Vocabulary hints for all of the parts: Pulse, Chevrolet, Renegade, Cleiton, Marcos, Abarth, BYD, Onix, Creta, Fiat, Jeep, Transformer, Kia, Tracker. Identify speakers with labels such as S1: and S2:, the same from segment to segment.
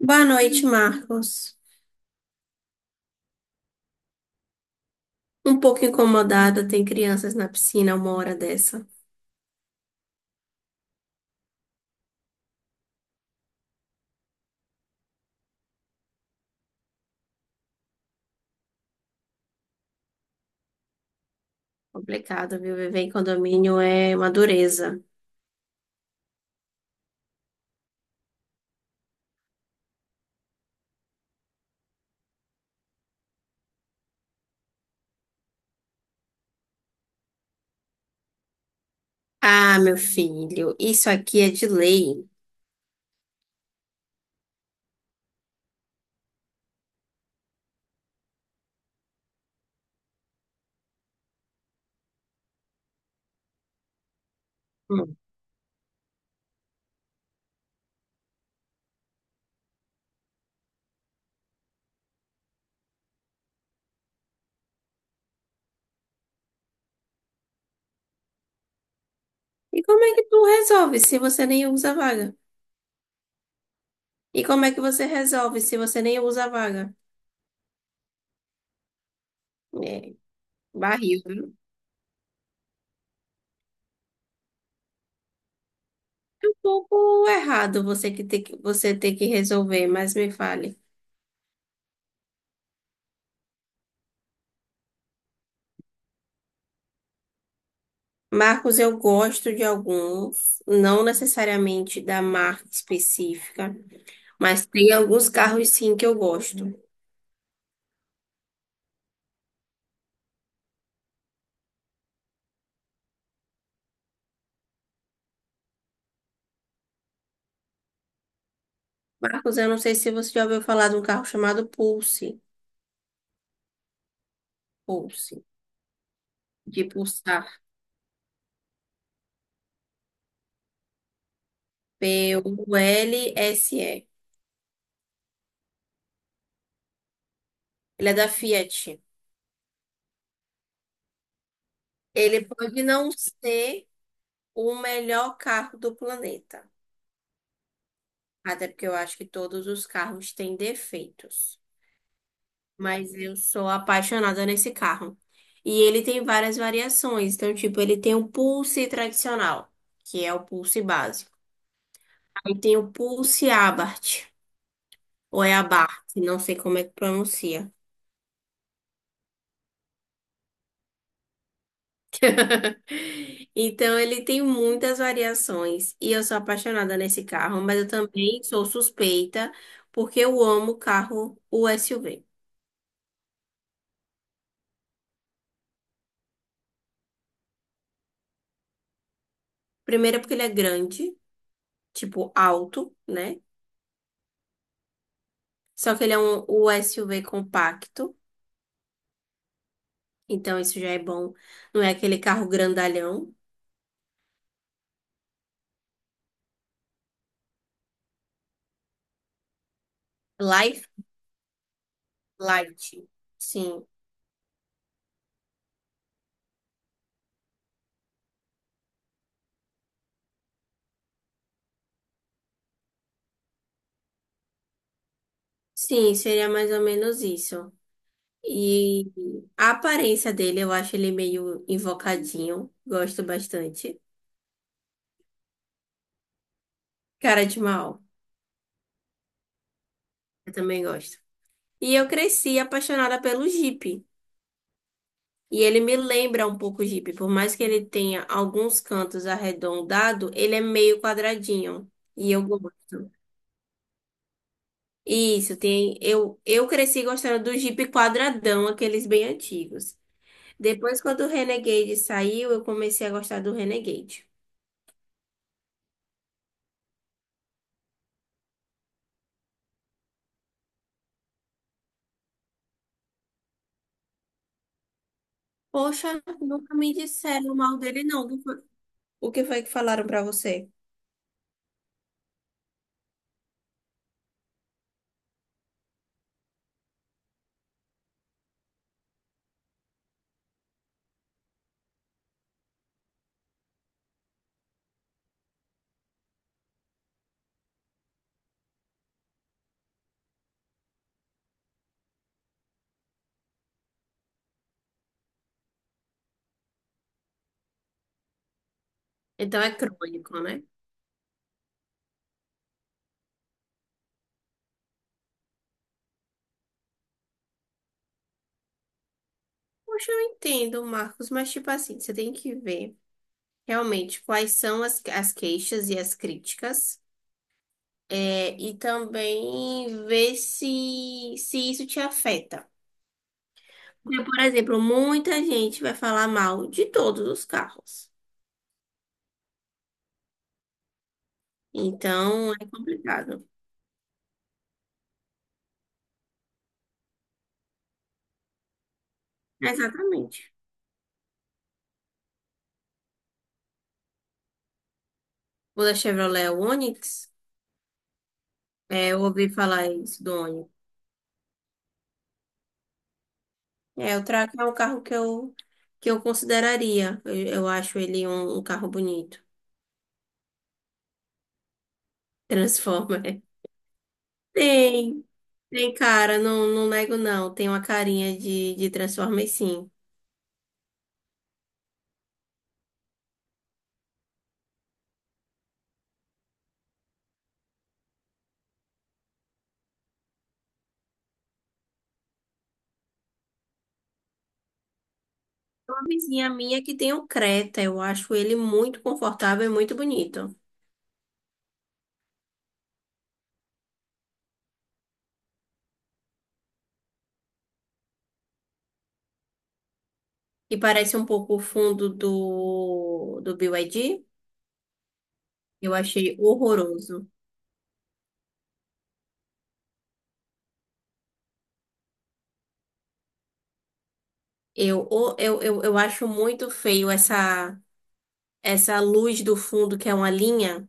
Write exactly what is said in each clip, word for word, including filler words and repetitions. S1: Boa noite, Marcos. Um pouco incomodada, tem crianças na piscina uma hora dessa. Complicado, viu? Viver em condomínio é uma dureza. Ah, meu filho, isso aqui é de lei. Hum. E como é que tu resolve se você nem usa a vaga? E como é que você resolve se você nem usa a vaga? É, barril, viu? É um pouco errado você que ter que, você ter que resolver, mas me fale. Marcos, eu gosto de alguns, não necessariamente da marca específica. Mas tem alguns carros sim que eu gosto. Marcos, eu não sei se você já ouviu falar de um carro chamado Pulse. Pulse. De Pulsar. P-U-L-S-E. Ele é da Fiat. Ele pode não ser o melhor carro do planeta. Até porque eu acho que todos os carros têm defeitos. Mas eu sou apaixonada nesse carro. E ele tem várias variações. Então, tipo, ele tem o Pulse tradicional, que é o Pulse básico. Aí tem o Pulse Abarth. Ou é abarque, não sei como é que pronuncia. Então, ele tem muitas variações. E eu sou apaixonada nesse carro, mas eu também sou suspeita, porque eu amo carro, o S U V. Primeiro, porque ele é grande, tipo alto, né? Só que ele é um o S U V compacto, então isso já é bom. Não é aquele carro grandalhão. Life, light. Sim. Sim, seria mais ou menos isso. E a aparência dele, eu acho ele meio invocadinho. Gosto bastante. Cara de mal, eu também gosto. E eu cresci apaixonada pelo Jeep. E ele me lembra um pouco o Jeep. Por mais que ele tenha alguns cantos arredondados, ele é meio quadradinho. E eu gosto. Isso, tem. Eu, eu cresci gostando do Jeep quadradão, aqueles bem antigos. Depois, quando o Renegade saiu, eu comecei a gostar do Renegade. Poxa, nunca me disseram mal dele, não. O que foi o que foi que falaram pra você? Então é crônico, né? Poxa, eu entendo, Marcos, mas tipo assim, você tem que ver realmente quais são as, as queixas e as críticas, é, e também ver se, se isso te afeta. Porque, por exemplo, muita gente vai falar mal de todos os carros. Então é complicado. Exatamente. O da Chevrolet o Onix, é, eu ouvi falar isso do Onix. É, o Tracker é um carro que eu, que eu consideraria. Eu, eu acho ele um, um carro bonito. Transformer. Tem, tem cara, não, não nego não. Tem uma carinha de, de Transformer, sim. Uma vizinha minha que tem um Creta, eu acho ele muito confortável e muito bonito. E parece um pouco o fundo do, do B Y D. Eu achei horroroso. Eu, eu, eu, eu acho muito feio essa, essa luz do fundo, que é uma linha.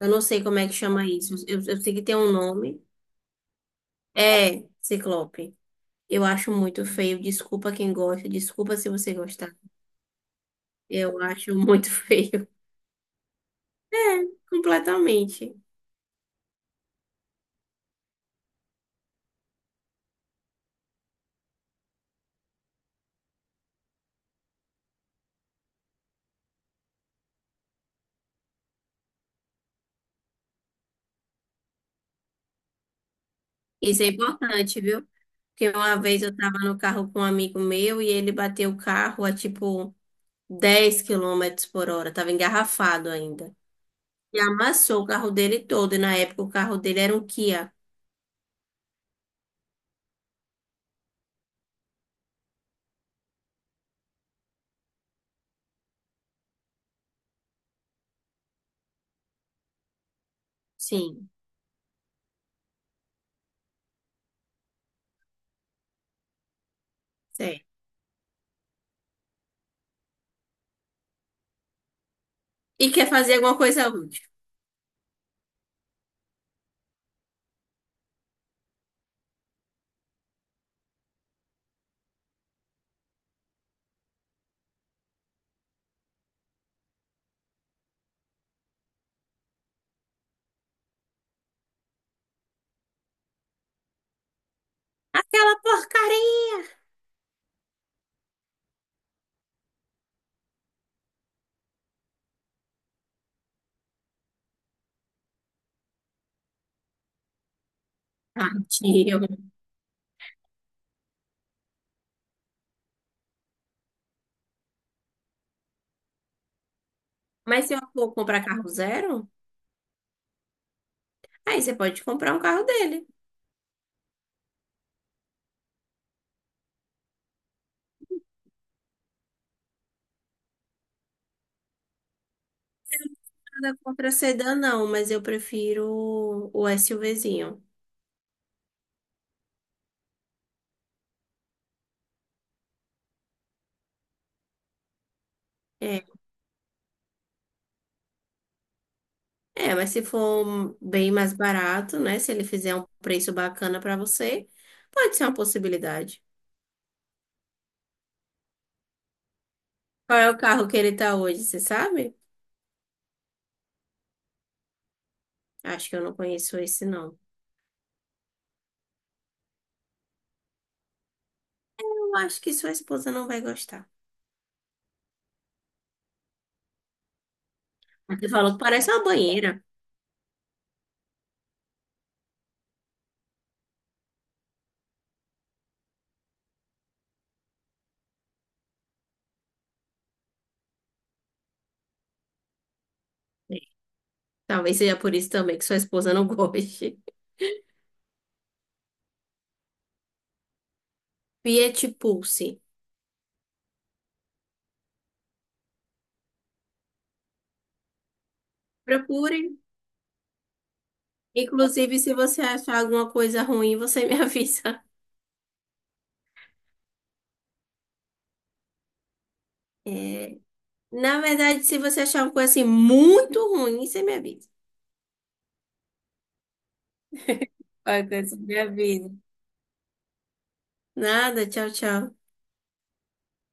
S1: Eu não sei como é que chama isso. Eu, eu sei que tem um nome. É, ciclope. Eu acho muito feio. Desculpa quem gosta. Desculpa se você gostar. Eu acho muito feio. É, completamente. Isso é importante, viu? Porque uma vez eu tava no carro com um amigo meu e ele bateu o carro a tipo dez quilômetros por hora. Tava engarrafado ainda. E amassou o carro dele todo. E na época o carro dele era um Kia. Sim, sério. E quer fazer alguma coisa útil. Aquela porcaria! Tadinho. Mas se eu for comprar carro zero, aí você pode comprar um carro dele. Nada contra sedã, não, mas eu prefiro o SUVzinho. É, é, mas se for um bem mais barato, né? Se ele fizer um preço bacana pra você, pode ser uma possibilidade. Qual é o carro que ele tá hoje, você sabe? Acho que eu não conheço esse, não. Eu acho que sua esposa não vai gostar. Você falou que parece uma banheira. Talvez seja por isso também que sua esposa não goste. Fiat Pulse. Procure. Inclusive, se você achar alguma coisa ruim, você me avisa. É, na verdade, se você achar uma coisa assim muito ruim, você me avisa. Vai, Cleiton, me avisa. Nada, tchau, tchau.